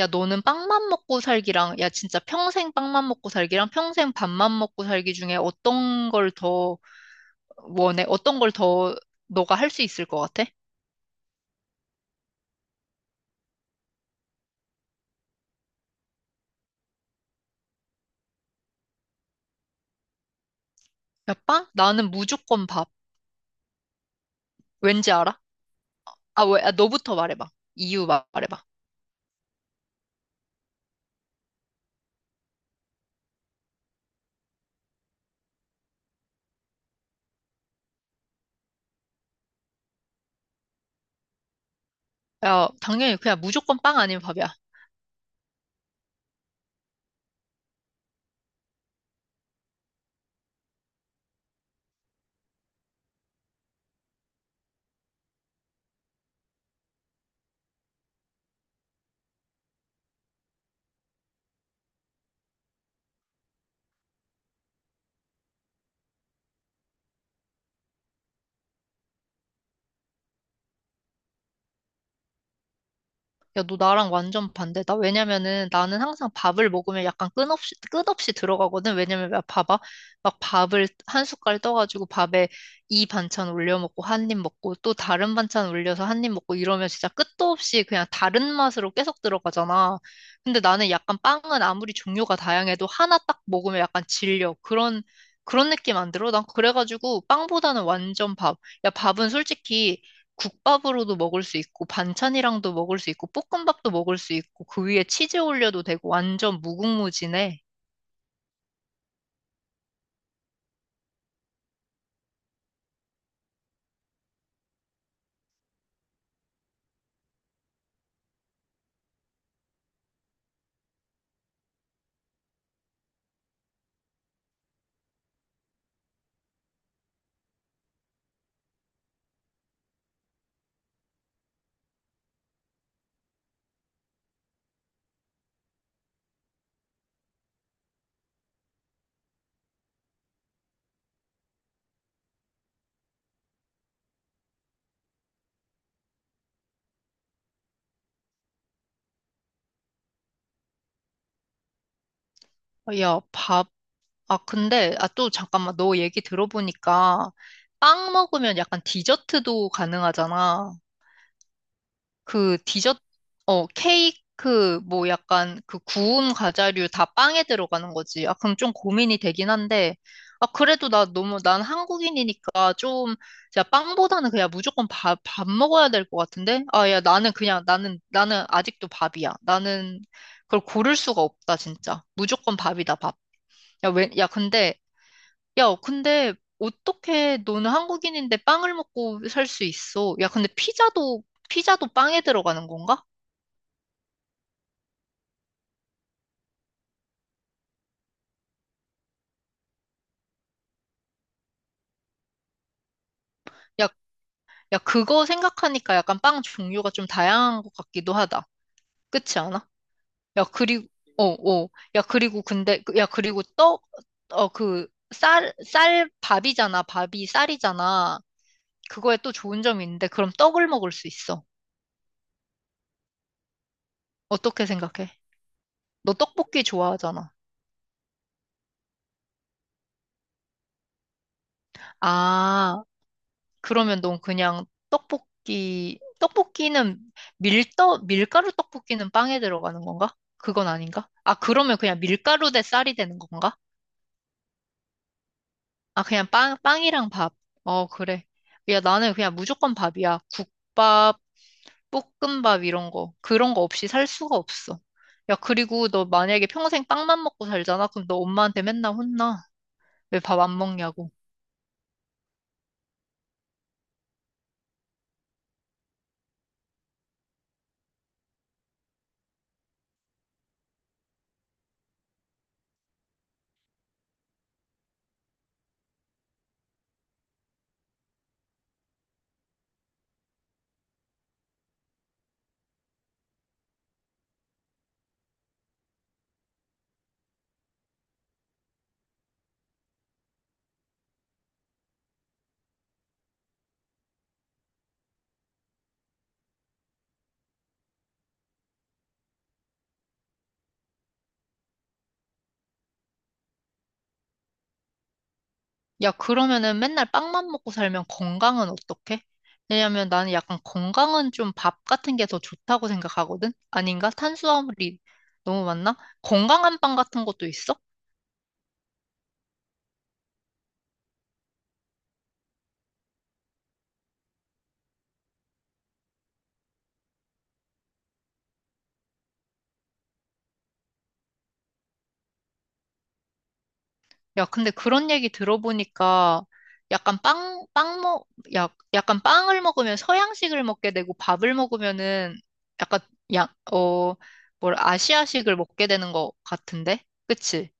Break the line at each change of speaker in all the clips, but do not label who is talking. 야, 너는 빵만 먹고 살기랑, 야, 진짜 평생 빵만 먹고 살기랑 평생 밥만 먹고 살기 중에 어떤 걸 더 원해? 어떤 걸 더 너가 할 수 있을 것 같아? 야, 빵? 나는 무조건 밥. 왠지 알아? 아, 왜? 아, 너부터 말해봐. 이유 말해봐. 야, 당연히 그냥 무조건 빵 아니면 밥이야. 야, 너 나랑 완전 반대다. 왜냐면은 나는 항상 밥을 먹으면 약간 끝없이 들어가거든. 왜냐면 막 봐봐. 막 밥을 한 숟갈 떠가지고 밥에 이 반찬 올려 먹고 한 입 먹고 또 다른 반찬 올려서 한 입 먹고 이러면 진짜 끝도 없이 그냥 다른 맛으로 계속 들어가잖아. 근데 나는 약간 빵은 아무리 종류가 다양해도 하나 딱 먹으면 약간 질려. 그런 느낌 안 들어? 난 그래가지고 빵보다는 완전 밥. 야, 밥은 솔직히 국밥으로도 먹을 수 있고 반찬이랑도 먹을 수 있고 볶음밥도 먹을 수 있고 그 위에 치즈 올려도 되고 완전 무궁무진해. 야, 밥. 아, 근데 아 또 잠깐만 너 얘기 들어보니까 빵 먹으면 약간 디저트도 가능하잖아. 그 디저트, 어, 케이크, 뭐 약간 그 구운 과자류 다 빵에 들어가는 거지. 아, 그럼 좀 고민이 되긴 한데. 아, 그래도 나 너무, 난 한국인이니까 좀, 야, 빵보다는 그냥 무조건 밥, 밥 먹어야 될 것 같은데? 아, 야, 나는 아직도 밥이야. 나는 그걸 고를 수가 없다, 진짜. 무조건 밥이다, 밥. 야, 왜, 야, 근데 야, 근데 어떻게 너는 한국인인데 빵을 먹고 살 수 있어? 야, 근데 피자도 빵에 들어가는 건가? 야, 야, 그거 생각하니까 약간 빵 종류가 좀 다양한 것 같기도 하다. 그렇지 않아? 야, 그리고, 어, 어. 야, 그리고 근데, 야, 그리고 떡, 어, 쌀, 밥이잖아. 밥이 쌀이잖아. 그거에 또 좋은 점이 있는데, 그럼 떡을 먹을 수 있어. 어떻게 생각해? 너 떡볶이 좋아하잖아. 아, 그러면 넌 그냥 떡볶이는 밀떡, 밀가루 떡볶이는 빵에 들어가는 건가? 그건 아닌가? 아, 그러면 그냥 밀가루 대 쌀이 되는 건가? 아, 그냥 빵이랑 밥. 어, 그래. 야, 나는 그냥 무조건 밥이야. 국밥, 볶음밥 이런 거. 그런 거 없이 살 수가 없어. 야, 그리고 너 만약에 평생 빵만 먹고 살잖아? 그럼 너 엄마한테 맨날 혼나. 왜 밥 안 먹냐고. 야, 그러면은 맨날 빵만 먹고 살면 건강은 어떡해? 왜냐면 나는 약간 건강은 좀 밥 같은 게 더 좋다고 생각하거든? 아닌가? 탄수화물이 너무 많나? 건강한 빵 같은 것도 있어? 야, 근데 그런 얘기 들어보니까 약간 빵, 빵 먹, 야, 약간 빵을 먹으면 서양식을 먹게 되고 밥을 먹으면은 약간, 야, 어, 뭘 아시아식을 먹게 되는 것 같은데? 그치?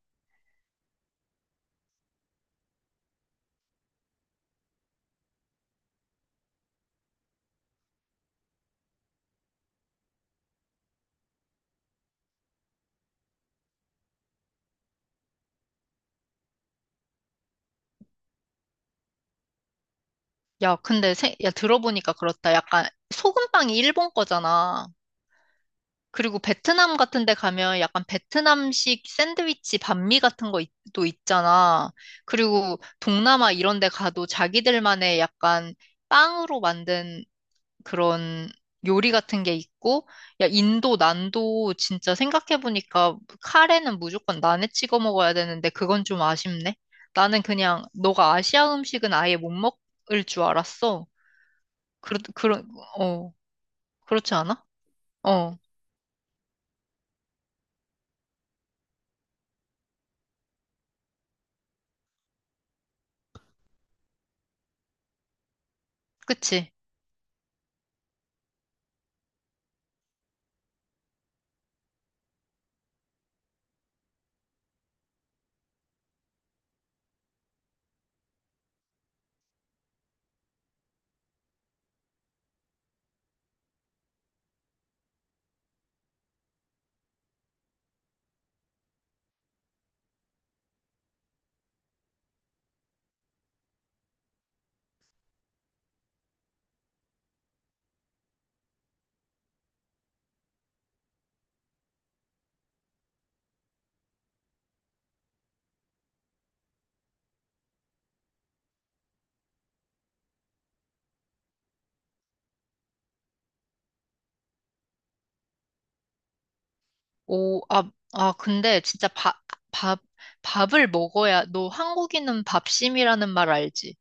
야, 들어보니까 그렇다. 약간 소금빵이 일본 거잖아. 그리고 베트남 같은 데 가면 약간 베트남식 샌드위치 반미 같은 거 또 있잖아. 그리고 동남아 이런 데 가도 자기들만의 약간 빵으로 만든 그런 요리 같은 게 있고, 야, 인도, 난도 진짜 생각해보니까 카레는 무조건 난에 찍어 먹어야 되는데 그건 좀 아쉽네. 나는 그냥 너가 아시아 음식은 아예 못 먹을 줄 알았어. 그렇, 그런, 어, 그렇지 않아? 어, 그치? 오, 아, 아, 근데 진짜 밥, 밥을 먹어야, 너 한국인은 밥심이라는 말 알지?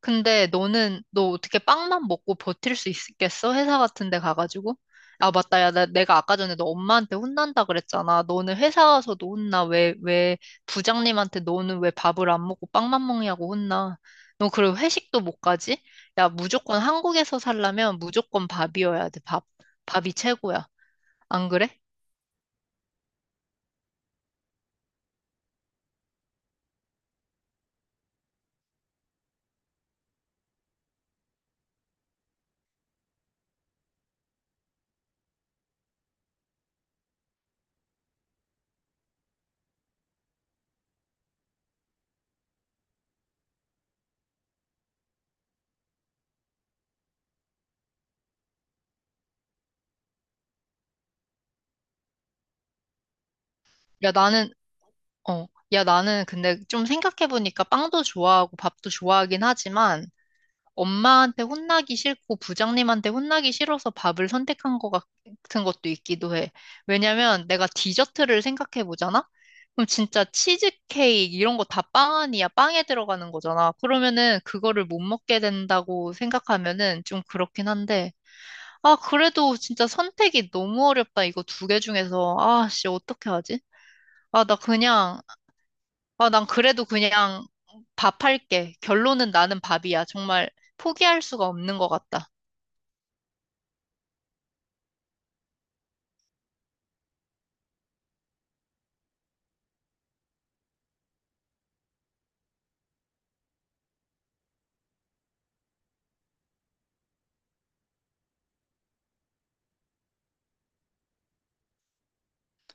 근데 너 어떻게 빵만 먹고 버틸 수 있겠어? 회사 같은 데 가가지고? 아, 맞다. 야, 내가 아까 전에 너 엄마한테 혼난다 그랬잖아. 너는 회사 가서도 혼나. 부장님한테 너는 왜 밥을 안 먹고 빵만 먹냐고 혼나. 너 그리고 회식도 못 가지? 야, 무조건 한국에서 살려면 무조건 밥이어야 돼, 밥. 밥이 최고야. 안 그래? 야, 나는, 어, 야, 나는 근데 좀 생각해보니까 빵도 좋아하고 밥도 좋아하긴 하지만 엄마한테 혼나기 싫고 부장님한테 혼나기 싫어서 밥을 선택한 것 같은 것도 있기도 해. 왜냐면 내가 디저트를 생각해보잖아? 그럼 진짜 치즈케이크 이런 거 다 빵 아니야? 빵에 들어가는 거잖아. 그러면은 그거를 못 먹게 된다고 생각하면은 좀 그렇긴 한데. 아, 그래도 진짜 선택이 너무 어렵다. 이거 두 개 중에서. 아, 씨, 어떻게 하지? 아, 나 그냥 난 그래도 그냥 밥 할게. 결론은 나는 밥이야. 정말 포기할 수가 없는 것 같다.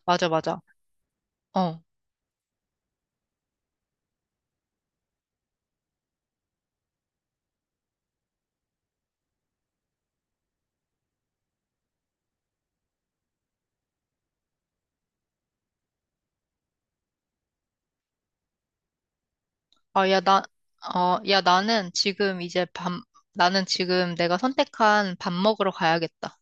맞아, 맞아. 어. 아, 야, 나, 야, 나는 지금 이제 나는 지금 내가 선택한 밥 먹으러 가야겠다.